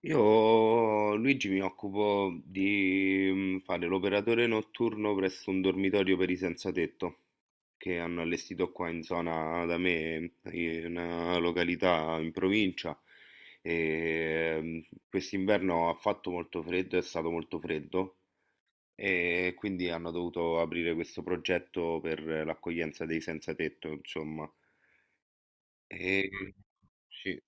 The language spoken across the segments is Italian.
Io, Luigi, mi occupo di fare l'operatore notturno presso un dormitorio per i senza tetto che hanno allestito qua in zona da me, in una località in provincia. E mm, Quest'inverno ha fatto molto freddo, è stato molto freddo e quindi hanno dovuto aprire questo progetto per l'accoglienza dei senza tetto, insomma. E, mm, sì.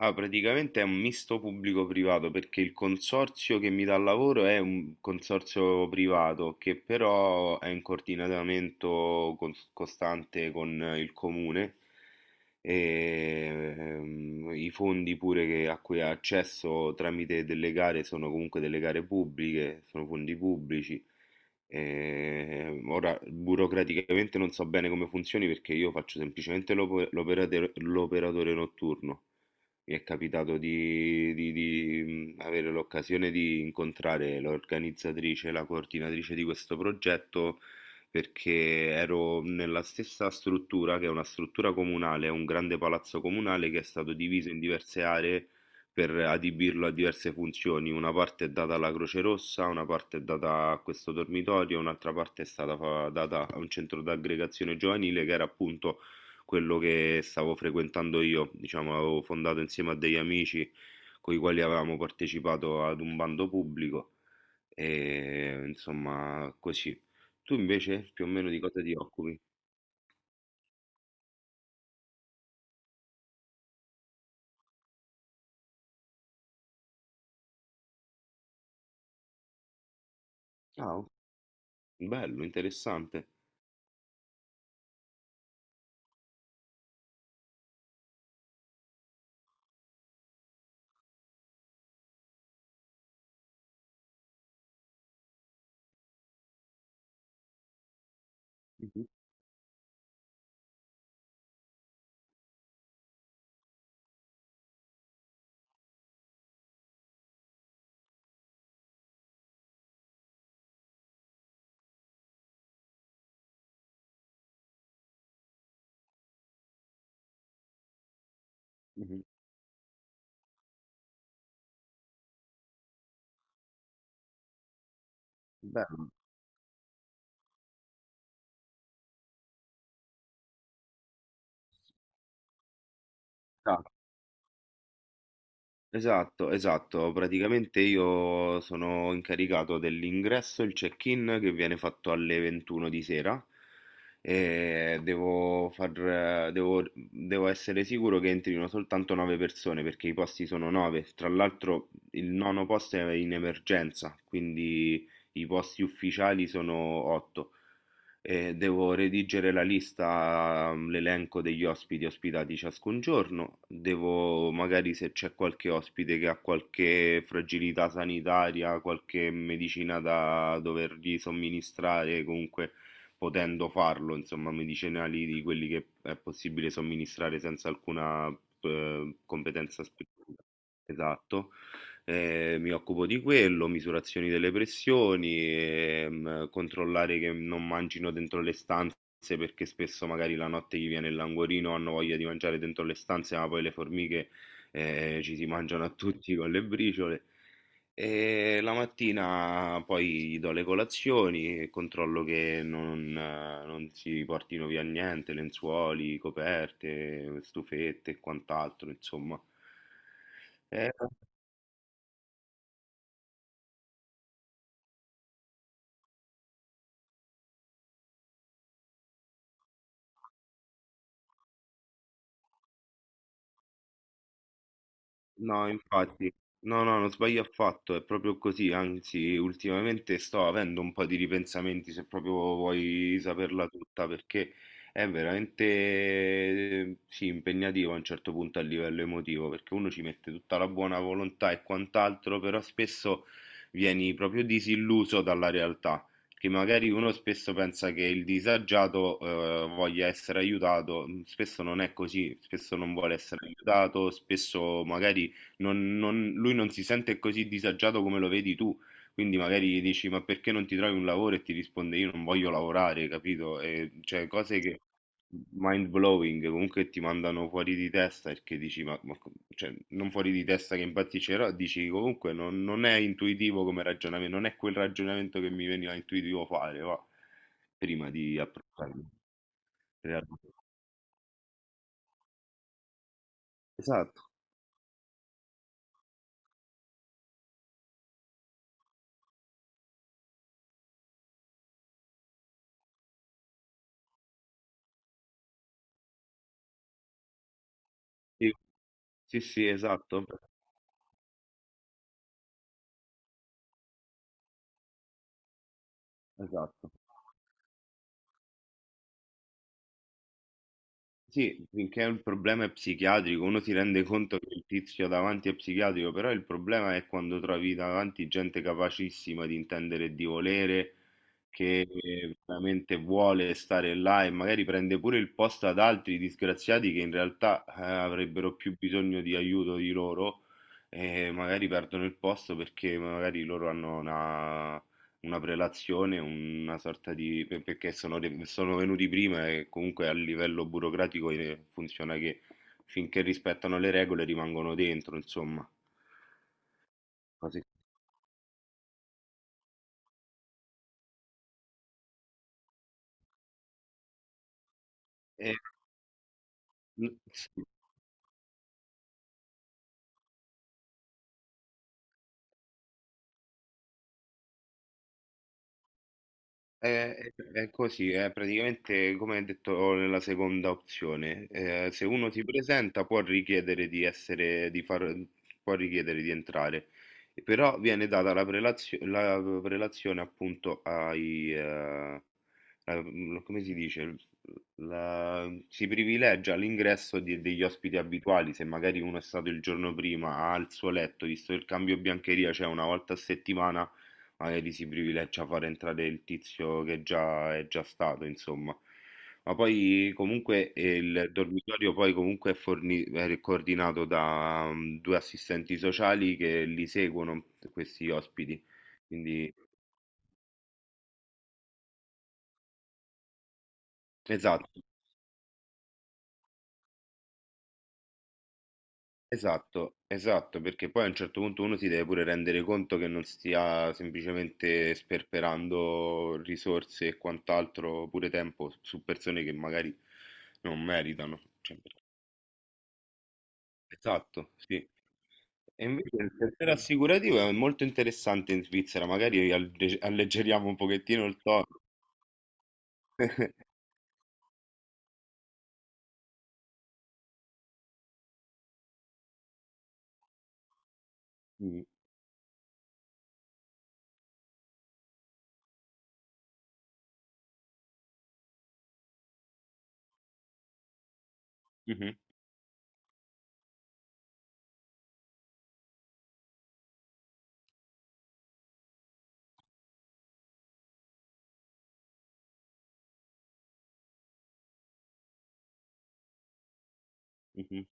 Ah, praticamente è un misto pubblico-privato perché il consorzio che mi dà il lavoro è un consorzio privato che però è in coordinamento costante con il comune e i fondi pure a cui ha accesso tramite delle gare sono comunque delle gare pubbliche, sono fondi pubblici. Ora, burocraticamente non so bene come funzioni perché io faccio semplicemente l'operatore notturno. Mi è capitato di avere l'occasione di incontrare l'organizzatrice, la coordinatrice di questo progetto, perché ero nella stessa struttura, che è una struttura comunale, è un grande palazzo comunale che è stato diviso in diverse aree per adibirlo a diverse funzioni. Una parte è data alla Croce Rossa, una parte è data a questo dormitorio, un'altra parte è stata data a un centro d'aggregazione giovanile che era appunto quello che stavo frequentando io, diciamo, avevo fondato insieme a degli amici con i quali avevamo partecipato ad un bando pubblico e insomma così. Tu invece più o meno di cosa ti occupi? Ah, bello, interessante. Mhm, mhm. Bello. Esatto, esatto. Praticamente io sono incaricato dell'ingresso, il check-in che viene fatto alle 21 di sera e devo essere sicuro che entrino soltanto 9 persone perché i posti sono 9. Tra l'altro il nono posto è in emergenza, quindi i posti ufficiali sono 8. Devo redigere la lista, l'elenco degli ospiti ospitati ciascun giorno, devo magari se c'è qualche ospite che ha qualche fragilità sanitaria, qualche medicina da dovergli somministrare, comunque potendo farlo, insomma, medicinali di quelli che è possibile somministrare senza alcuna competenza specifica. Esatto. Mi occupo di quello, misurazioni delle pressioni, controllare che non mangino dentro le stanze perché spesso magari la notte gli viene il languorino, hanno voglia di mangiare dentro le stanze, ma poi le formiche ci si mangiano a tutti con le briciole. E la mattina poi gli do le colazioni e controllo che non si portino via niente, lenzuoli, coperte, stufette e quant'altro, insomma. Eh, No, infatti, no, no, non sbaglio affatto, è proprio così, anzi, ultimamente sto avendo un po' di ripensamenti, se proprio vuoi saperla tutta, perché è veramente, sì, impegnativo a un certo punto a livello emotivo, perché uno ci mette tutta la buona volontà e quant'altro, però spesso vieni proprio disilluso dalla realtà, che magari uno spesso pensa che il disagiato, voglia essere aiutato, spesso non è così, spesso non vuole essere aiutato, spesso magari lui non si sente così disagiato come lo vedi tu. Quindi magari gli dici, ma perché non ti trovi un lavoro? E ti risponde, io non voglio lavorare, capito? E, cioè, cose che mind blowing, comunque ti mandano fuori di testa perché dici, cioè, non fuori di testa che impazzirò, dici comunque non è intuitivo come ragionamento, non è quel ragionamento che mi veniva intuitivo fare, va, prima di approcciarmi. Realmente. Esatto. Sì, sì, sì, esatto, esatto. Sì, finché il problema è psichiatrico, uno si rende conto che il tizio davanti è psichiatrico, però il problema è quando trovi davanti gente capacissima di intendere e di volere, che veramente vuole stare là e magari prende pure il posto ad altri disgraziati che in realtà avrebbero più bisogno di aiuto di loro e magari perdono il posto perché magari loro hanno una prelazione, una sorta di... perché sono, sono venuti prima e comunque a livello burocratico funziona che finché rispettano le regole rimangono dentro, insomma. Cose- Eh, sì. È così, è praticamente come detto nella seconda opzione. Se uno si presenta può richiedere di entrare, però viene data la prelazione appunto ai, la- come si dice, si privilegia l'ingresso degli ospiti abituali, se magari uno è stato il giorno prima al suo letto, visto che il cambio biancheria c'è una volta a settimana magari si privilegia a far entrare il tizio che già stato, insomma. Ma poi comunque il dormitorio poi comunque è coordinato da due assistenti sociali che li seguono, questi ospiti. Quindi esatto, esatto, esatto, perché poi a un certo punto uno si deve pure rendere conto che non stia semplicemente sperperando risorse e quant'altro, pure tempo su persone che magari non meritano. Cioè, esatto, sì. E invece il settore assicurativo è molto interessante in Svizzera, magari alleggeriamo un pochettino il tono. Mm, mhm, mhm.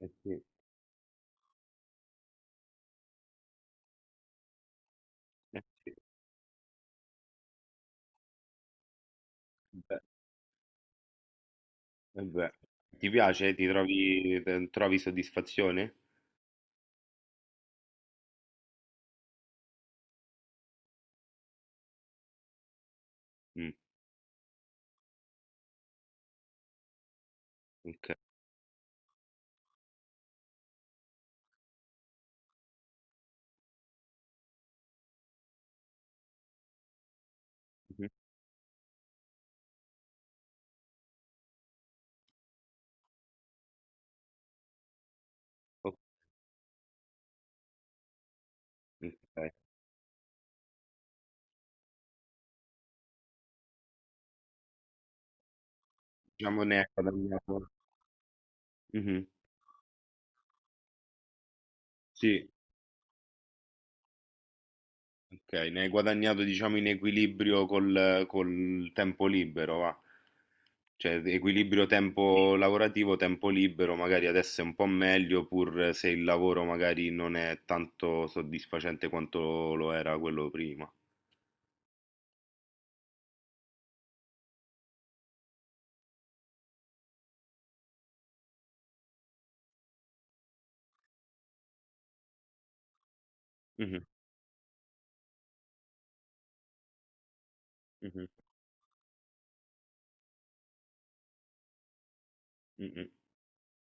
Eh sì, eh sì, beh, eh beh. Ti piace? Trovi soddisfazione? Mm, ok. Mhm, ok. Ok. Diciamo ne hai guadagnato. Mhm. Sì, ok, ne hai guadagnato diciamo in equilibrio col, col tempo libero, va. Cioè, equilibrio tempo lavorativo, tempo libero, magari adesso è un po' meglio, pur se il lavoro magari non è tanto soddisfacente quanto lo era quello prima. Mhm, mhm, mhm.